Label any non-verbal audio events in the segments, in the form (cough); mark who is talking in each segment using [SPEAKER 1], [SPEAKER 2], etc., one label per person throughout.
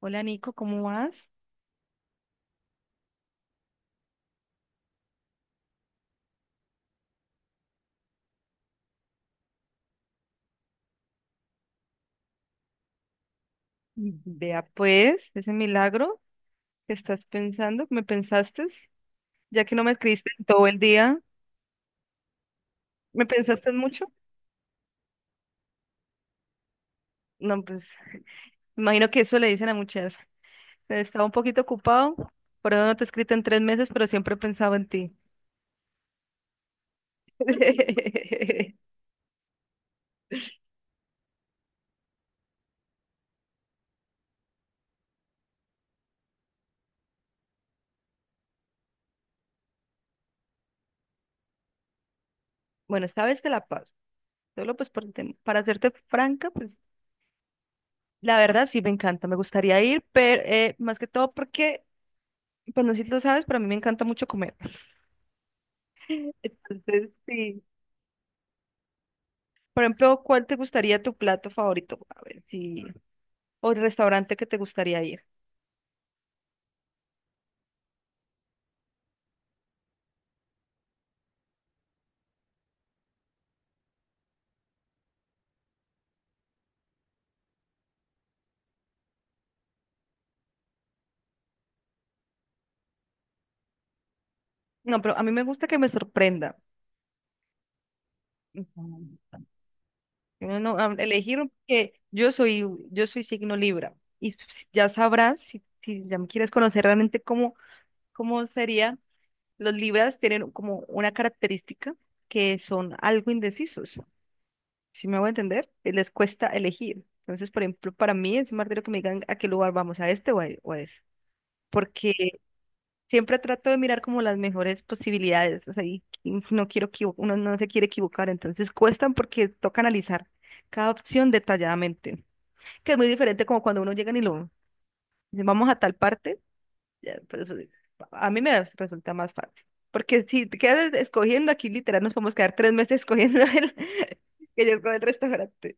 [SPEAKER 1] Hola Nico, ¿cómo vas? Vea pues, ese milagro que estás pensando, ¿me pensaste? Ya que no me escribiste en todo el día, ¿me pensaste mucho? No, pues, me imagino que eso le dicen a muchas. Estaba un poquito ocupado, por eso no te he escrito en 3 meses, pero siempre he pensado en ti. (laughs) Bueno, esta vez te la paso. Solo pues por para hacerte franca, pues la verdad sí me encanta, me gustaría ir, pero más que todo porque, pues no sé si lo sabes, pero a mí me encanta mucho comer. (laughs) Entonces, sí. Por ejemplo, ¿cuál te gustaría tu plato favorito? A ver, si... o el restaurante que te gustaría ir. No, pero a mí me gusta que me sorprenda. Ujú. No, no, elegir porque yo soy signo Libra y ya sabrás si ya me quieres conocer realmente cómo sería. Los Libras tienen como una característica que son algo indecisos. Si me voy a entender, les cuesta elegir. Entonces, por ejemplo, para mí es un martirio que me digan a qué lugar vamos, a este o a ese. Porque siempre trato de mirar como las mejores posibilidades, o sea, y no quiero uno no se quiere equivocar, entonces cuestan porque toca analizar cada opción detalladamente, que es muy diferente como cuando uno llega y lo dice, vamos a tal parte, ya, pero a mí me resulta más fácil. Porque si te quedas escogiendo aquí, literal, nos podemos quedar 3 meses escogiendo el, (laughs) que yo escojo el restaurante.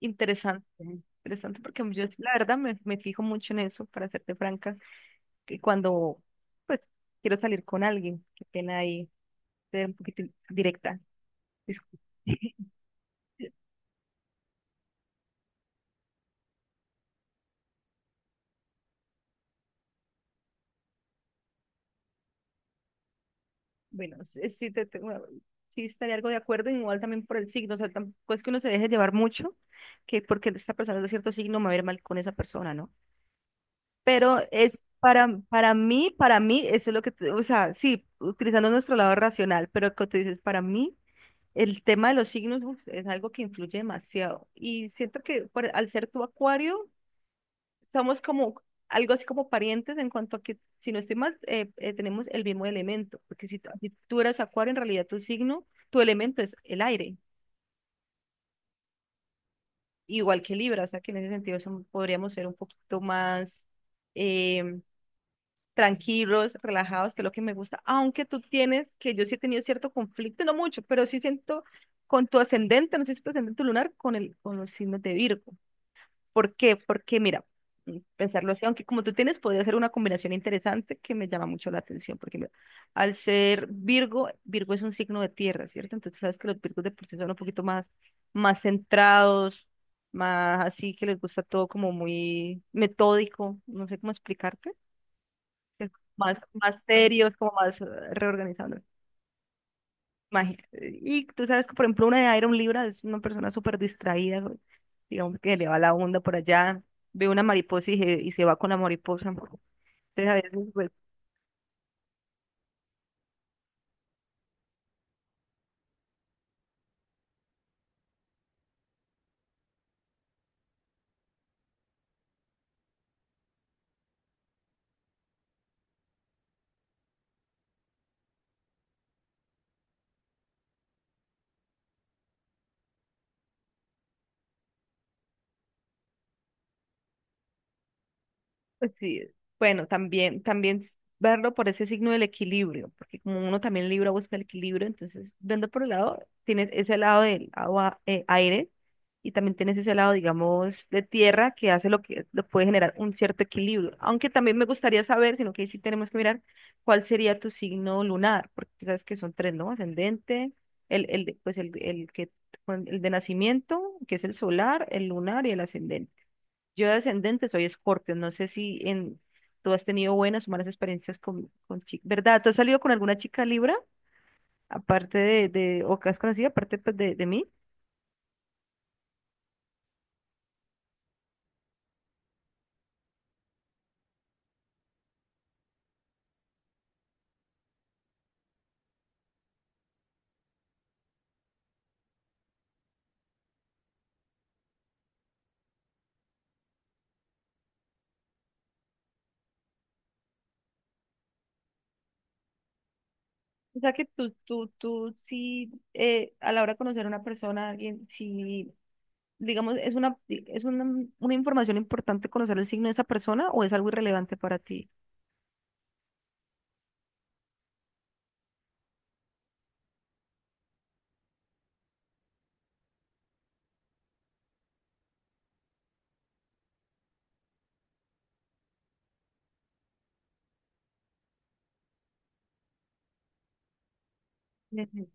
[SPEAKER 1] Interesante, interesante, porque yo la verdad me fijo mucho en eso, para serte franca, que cuando pues quiero salir con alguien, qué pena ahí ser un poquito directa. Disculpe. (laughs) Bueno, sí, sí, bueno, sí estaría algo de acuerdo, igual también por el signo, o sea, tampoco es que uno se deje llevar mucho, que porque esta persona es de cierto signo me va a ir mal con esa persona, ¿no? Pero es para mí, para mí, eso es lo que, o sea, sí, utilizando nuestro lado racional, pero como tú dices, para mí. El tema de los signos uf, es algo que influye demasiado. Y siento que al ser tu acuario, somos como algo así como parientes en cuanto a que, si no estoy mal, tenemos el mismo elemento. Porque si tú eres acuario, en realidad tu signo, tu elemento es el aire, igual que Libra. O sea que en ese sentido podríamos ser un poquito más em, tranquilos, relajados, que es lo que me gusta. Aunque tú tienes, que yo sí he tenido cierto conflicto, no mucho, pero sí siento con tu ascendente, no sé si tu ascendente lunar, con los signos de Virgo. ¿Por qué? Porque mira, pensarlo así, aunque como tú tienes, podría ser una combinación interesante que me llama mucho la atención, porque mira, al ser Virgo, Virgo es un signo de tierra, ¿cierto? Entonces sabes que los Virgos de por sí son un poquito más centrados, más así que les gusta todo como muy metódico, no sé cómo explicarte es más serios, como más reorganizados. Y tú sabes que, por ejemplo, una de Iron Libra es una persona súper distraída, güey. Digamos que le va la onda por allá, ve una mariposa y se va con la mariposa. Entonces, a veces, pues, Pues sí, bueno, también verlo por ese signo del equilibrio, porque como uno también Libra busca el equilibrio, entonces, viendo por el lado, tienes ese lado del agua, aire, y también tienes ese lado, digamos, de tierra que hace lo que lo puede generar un cierto equilibrio. Aunque también me gustaría saber, sino que ahí sí tenemos que mirar cuál sería tu signo lunar, porque tú sabes que son tres, ¿no? Ascendente, pues el que, el de nacimiento, que es el solar, el lunar y el ascendente. Yo de ascendente soy Escorpio, no sé si tú has tenido buenas o malas experiencias con, chicas, ¿verdad? ¿Tú has salido con alguna chica Libra, aparte de o que has conocido, aparte pues, de mí? O sea que tú sí, a la hora de conocer a una persona, a alguien, si, digamos, una información importante conocer el signo de esa persona o es algo irrelevante para ti. Ujú.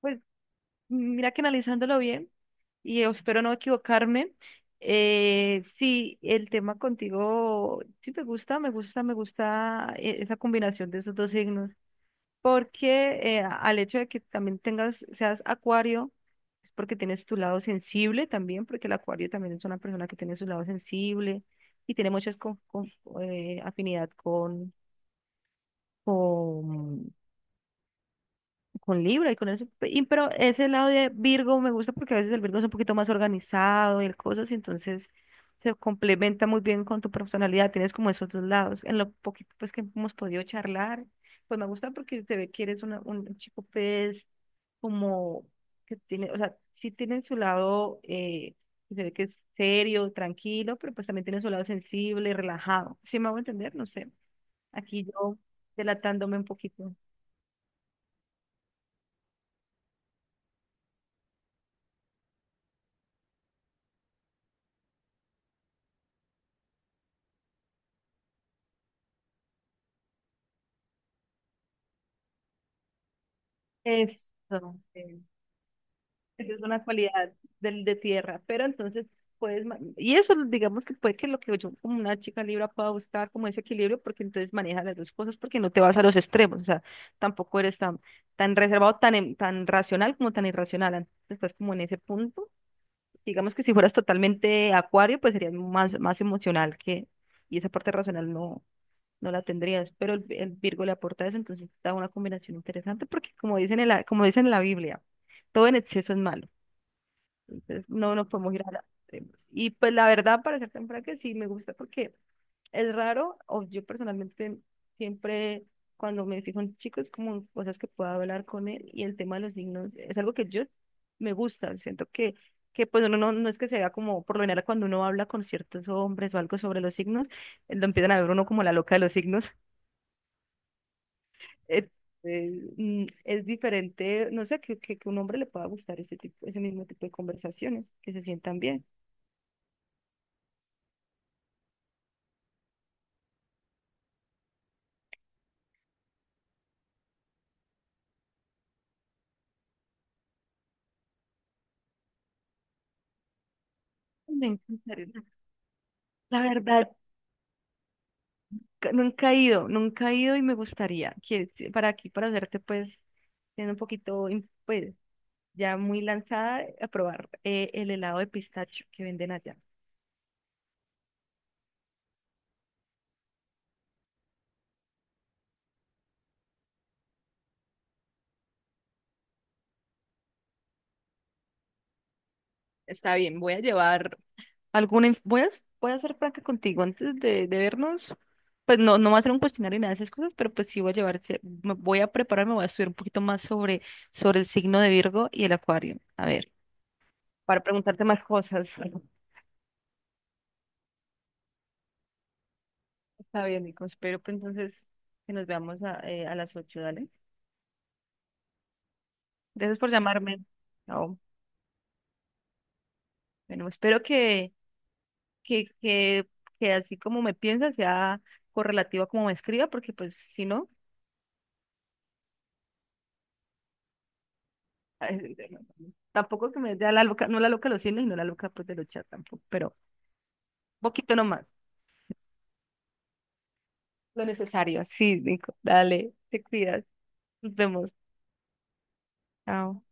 [SPEAKER 1] Pues mira que analizándolo bien. Y yo espero no equivocarme. Sí, el tema contigo, sí me gusta, me gusta, me gusta esa combinación de esos dos signos, porque al hecho de que también seas acuario, es porque tienes tu lado sensible también, porque el acuario también es una persona que tiene su lado sensible y tiene muchas afinidad con con Libra y con ese, pero ese lado de Virgo me gusta porque a veces el Virgo es un poquito más organizado y el cosas, y entonces se complementa muy bien con tu personalidad, tienes como esos dos lados. En lo poquito pues que hemos podido charlar, pues me gusta porque se ve que eres un chico pues como que tiene, o sea, sí tiene su lado, se ve que es serio, tranquilo, pero pues también tiene su lado sensible, relajado. ¿Sí me hago entender? No sé. Aquí yo delatándome un poquito. Eso. Esa es una cualidad del de tierra, pero entonces puedes, y eso digamos que puede que lo que yo como una chica libra pueda buscar como ese equilibrio, porque entonces maneja las dos cosas, porque no te vas a los extremos, o sea, tampoco eres tan reservado, tan racional como tan irracional, entonces estás como en ese punto, digamos que si fueras totalmente acuario, pues serías más emocional que, y esa parte racional no, no la tendrías, pero el Virgo le aporta eso, entonces da una combinación interesante, porque como dicen como dicen en la Biblia, todo en exceso es malo. Entonces no nos podemos ir a las extremos. Y pues la verdad, para ser tan franca, sí me gusta porque es raro, o yo personalmente siempre cuando me fijo en chicos, como en cosas que pueda hablar con él, y el tema de los signos es algo que yo me gusta, siento que, pues uno no es que se vea como, por lo general cuando uno habla con ciertos hombres o algo sobre los signos, lo empiezan a ver uno como la loca de los signos, (laughs) Eh, eh, es diferente, no sé, que un hombre le pueda gustar ese mismo tipo de conversaciones, que se sientan bien. Me encantaría. La verdad, nunca he ido, nunca he ido y me gustaría que para aquí, para hacerte pues, siendo un poquito, pues, ya muy lanzada, a probar el helado de pistacho que venden allá. Está bien, voy a llevar, ¿Alguna, inf- voy a, s- voy a ser franca contigo antes de vernos? Pues no, no va a ser un cuestionario ni nada de esas cosas, pero pues sí voy a llevar, me voy a prepararme, voy a estudiar un poquito más sobre, el signo de Virgo y el Acuario. A ver, para preguntarte más cosas. Está bien, Nico. Espero que entonces que nos veamos a las 8, ¿dale? Gracias por llamarme. Chao. Bueno, espero que, que, que así como me piensa sea correlativo a como me escriba, porque pues si no, ay, (laughs) tampoco que me dé a la loca, no la loca de los cines y no la loca pues de los chats tampoco, pero poquito nomás, lo necesario. Sí, Nico. Dale, te cuidas. Nos vemos. Chao.